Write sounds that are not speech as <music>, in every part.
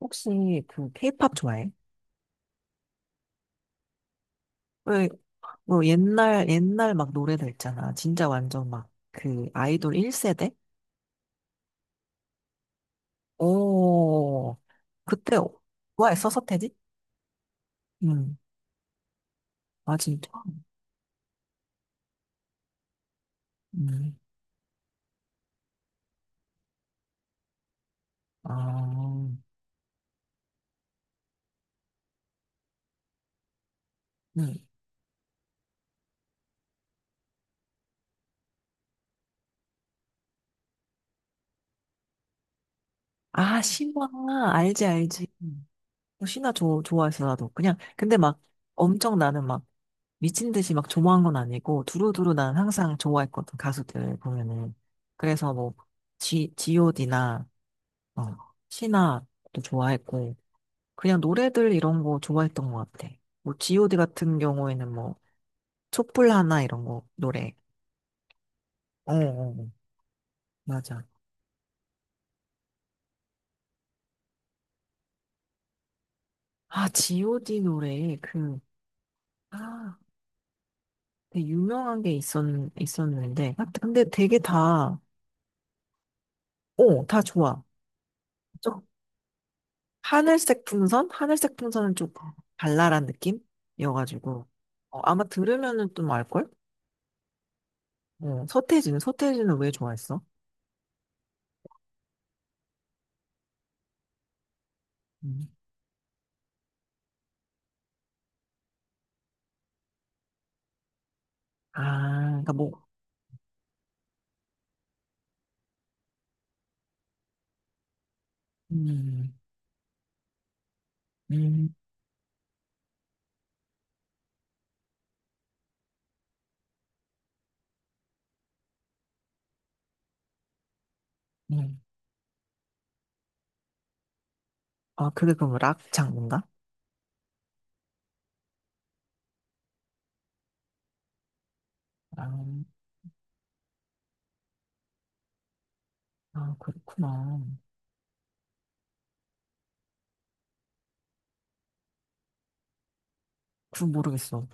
혹시 그 케이팝 좋아해? 왜, 뭐 옛날, 옛날 막 노래들 있잖아. 진짜 완전 막 그 아이돌 1세대? 오, 그때 좋아했었었테지 응. 아, 진짜? 응. 아, 응. 아, 신화. 알지, 알지. 어, 신화 좋 좋아했어, 나도. 그냥, 근데 막 엄청 나는 막 미친 듯이 막 좋아한 건 아니고 두루두루 난 항상 좋아했거든 가수들 보면은 그래서 뭐 G.O.D나 어, 신화도 좋아했고, 그냥 노래들 이런 거 좋아했던 것 같아. 뭐, G.O.D 같은 경우에는 뭐, 촛불 하나 이런 거, 노래. 어, 어, 어, 맞아. 아, G.O.D 노래, 그, 아, 되게 유명한 게 있었는데. 아, 근데 되게 다 좋아. 좀, 하늘색 풍선? 하늘색 풍선은 좀 발랄한 느낌이어가지고. 어, 아마 들으면은 좀 알걸? 어, 서태지는 왜 좋아했어? 음. 아, 그러니까 뭐, 음, 음, 음. 아, 그게 그럼 락 장르인가? 아, 아, 그렇구나. 그건 모르겠어.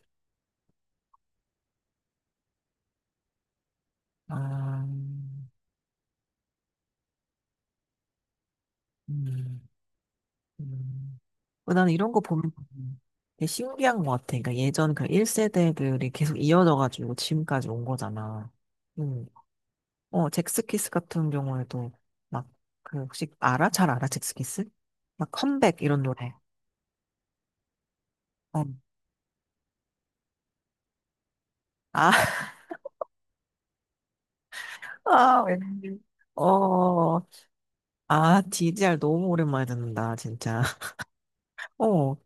아, 음, 음. 어, 나는 이런 거 보면 되게 신기한 것 같아. 그러니까 예전 그 1세대들이 계속 이어져가지고 지금까지 온 거잖아. 음. 어, 잭스키스 같은 경우에도 막, 그, 혹시 알아? 잘 알아? 잭스키스? 막 컴백 이런 노래. 어. 아, <laughs> 아, 왠지. 어, 아, DDR 너무 오랜만에 듣는다, 진짜. <laughs> 어,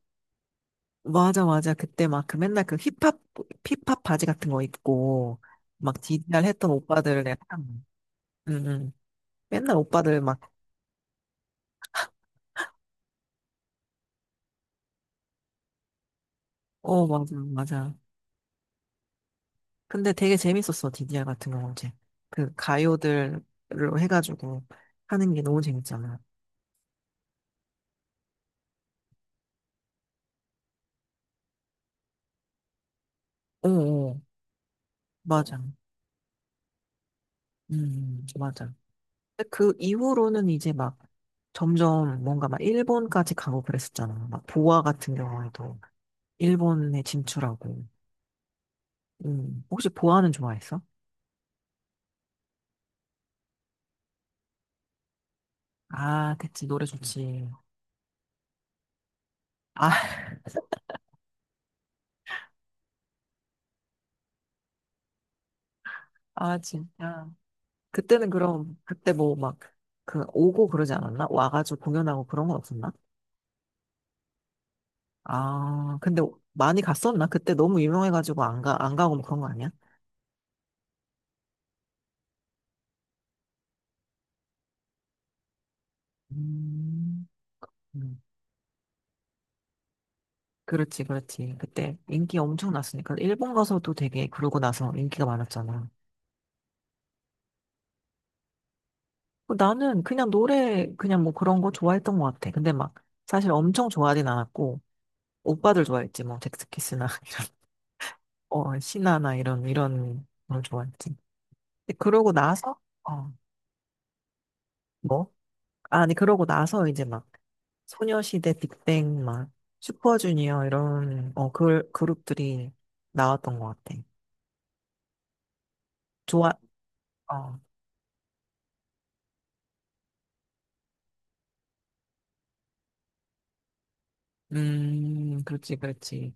맞아, 맞아. 그때 막 그 맨날 그 힙합 바지 같은 거 입고, 막 DDR 했던 오빠들 내가 참, 응, 응. 맨날 오빠들 막, 어, 맞아, 맞아. 근데 되게 재밌었어, DDR 같은 경우는 이제. 그 가요들로 해가지고 하는 게 너무 재밌잖아. 어, 어, 맞아. 맞아. 근데 그 이후로는 이제 막 점점 뭔가 막 일본까지 가고 그랬었잖아. 막 보아 같은 경우에도. 일본에 진출하고. 음. 혹시 보아는 좋아했어? 아, 그치. 노래 좋지. 아, <laughs> 아, 진짜. 그때는 그럼, 그때 뭐 막, 그, 오고 그러지 않았나? 와가지고 공연하고 그런 건 없었나? 아, 근데 많이 갔었나? 그때 너무 유명해가지고 안 가고 뭐 그런 거 아니야? 음, 음. 그렇지, 그렇지. 그때 인기 엄청 났으니까. 일본 가서도 되게 그러고 나서 인기가 많았잖아. 어, 나는 그냥 노래, 그냥 뭐 그런 거 좋아했던 것 같아. 근데 막, 사실 엄청 좋아하진 않았고, 오빠들 좋아했지, 뭐, 잭스키스나, <laughs> 이런, 어, 신화나 이런 걸 좋아했지. 근데 그러고 나서, 어, 뭐? 아니, 그러고 나서 이제 막, 소녀시대, 빅뱅, 막, 슈퍼주니어, 이런, 어, 그룹들이 나왔던 것 같아. 좋아, 어, 그렇지, 그렇지.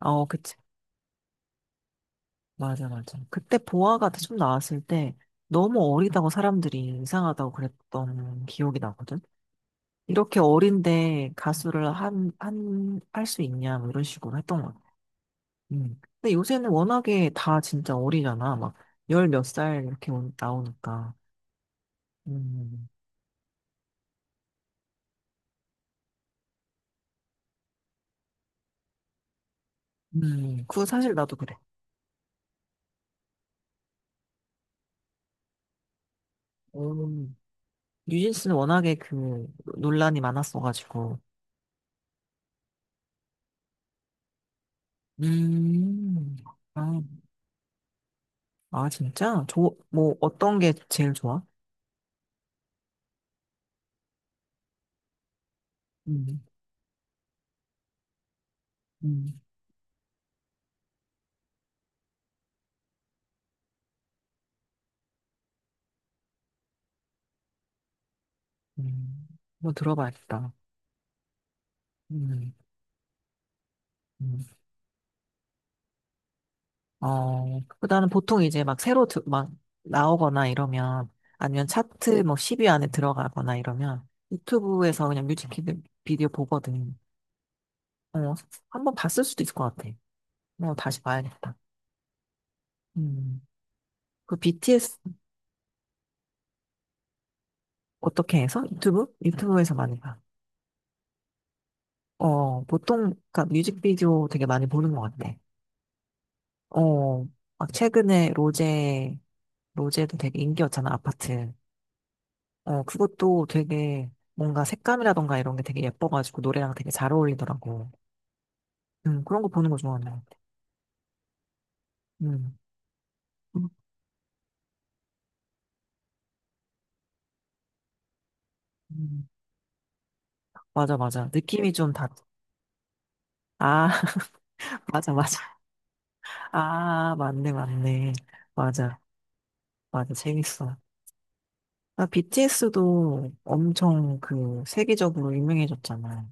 어, 그치. 맞아, 맞아. 그때 보아가 좀 나왔을 때, 너무 어리다고 사람들이 이상하다고 그랬던 기억이 나거든. 이렇게 어린데 가수를 할 수 있냐, 뭐 이런 식으로 했던 것 같아요. 음. 근데 요새는 워낙에 다 진짜 어리잖아. 막, 열 몇 살 이렇게 나오니까. 음, 그거 사실 나도 그래. 음. 뉴진스는 워낙에 그 논란이 많았어가지고. 음, 아, 아, 진짜? 저, 뭐, 어떤 게 제일 좋아? 음, 음, 음. 뭐 들어봐야겠다. 음, 음. 어, 그다음 보통 이제 막 새로 막 나오거나 이러면 아니면 차트 뭐 10위 안에 들어가거나 이러면 유튜브에서 그냥 뮤직 비디오 보거든. 어, 한번 봤을 수도 있을 것 같아. 어, 다시 봐야겠다. 음. 그 BTS 어떻게 해서? 유튜브? 유튜브에서 많이 봐. 어, 보통 그니까 뮤직비디오 되게 많이 보는 것 같아. 어, 막 최근에 로제도 되게 인기였잖아, 아파트. 어, 그것도 되게 뭔가 색감이라던가 이런 게 되게 예뻐가지고 노래랑 되게 잘 어울리더라고. 그런 거 보는 거 좋아하는 것 같아. 음, 음, 음. 맞아, 맞아. 느낌이 좀 다, 아, <laughs> 맞아, 맞아. 아, 맞네, 맞네. 맞아, 맞아. 재밌어. 아, BTS도 엄청 그 세계적으로 유명해졌잖아.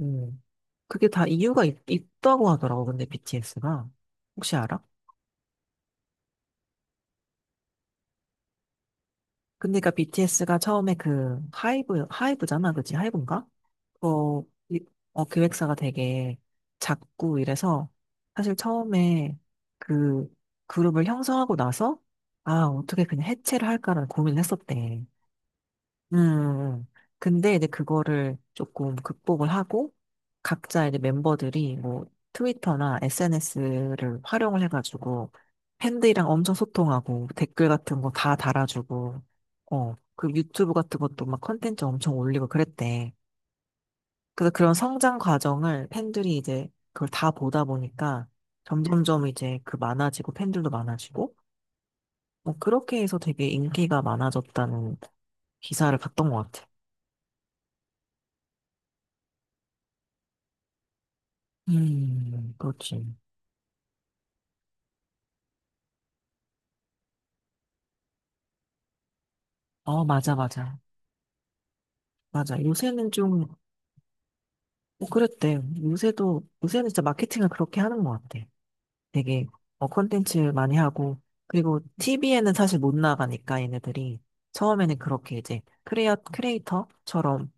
음, 그게 다 이유가 있다고 하더라고, 근데 BTS가. 혹시 알아? 근데 그 BTS가 처음에 그 하이브잖아, 그치? 하이브인가? 어, 이- 어, 기획사가 되게 작고 이래서 사실 처음에 그 그룹을 형성하고 나서 아, 어떻게 그냥 해체를 할까라는 고민을 했었대. 음. 음. 근데 이제 그거를 조금 극복을 하고 각자 이제 멤버들이 뭐 트위터나 SNS를 활용을 해가지고 팬들이랑 엄청 소통하고 댓글 같은 거 다 달아주고 어, 그 유튜브 같은 것도 막 컨텐츠 엄청 올리고 그랬대. 그래서 그런 성장 과정을 팬들이 이제 그걸 다 보다 보니까 점점점 이제 그 많아지고 팬들도 많아지고 뭐 그렇게 해서 되게 인기가 많아졌다는 기사를 봤던 것 같아. 그렇지. 어, 맞아, 맞아. 맞아. 요새는 좀, 뭐 그랬대. 요새는 진짜 마케팅을 그렇게 하는 것 같아. 되게, 어, 콘텐츠 많이 하고, 그리고 TV에는 사실 못 나가니까 얘네들이 처음에는 그렇게 이제 크레어 크리에이터처럼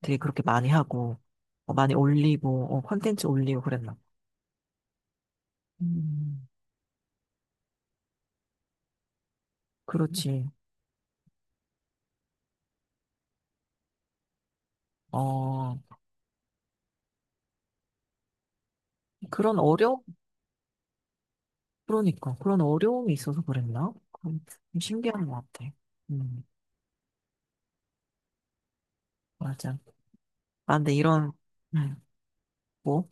되게 그렇게 많이 하고, 어, 많이 올리고, 어, 콘텐츠 올리고 그랬나 봐. 음. 그렇지. 어, 그런 그러니까, 그런 어려움이 있어서 그랬나? 그건 좀 신기한 것 같아. 음, 맞아. 아, 근데 이런, 음, 뭐?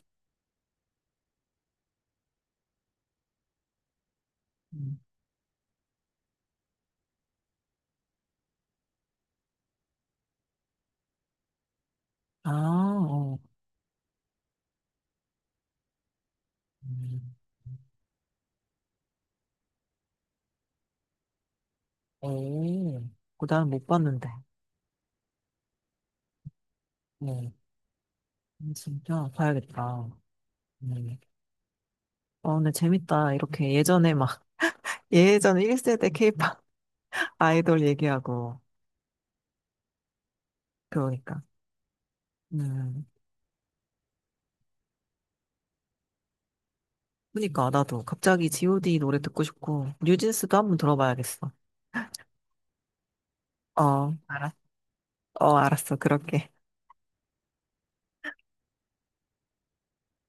음, 아, 어, 음, 오, 그거 나는 못 봤는데. 뭐, 진짜 봐야겠다. 음. 어, 근데 재밌다. 이렇게 예전에 막, <laughs> 예전에 1세대 케이팝 아이돌 얘기하고, 그러니까. 음. 그니까 나도 갑자기 G.O.D 노래 듣고 싶고 뉴진스도 한번 들어봐야겠어. 어, 알았어. 그럴게.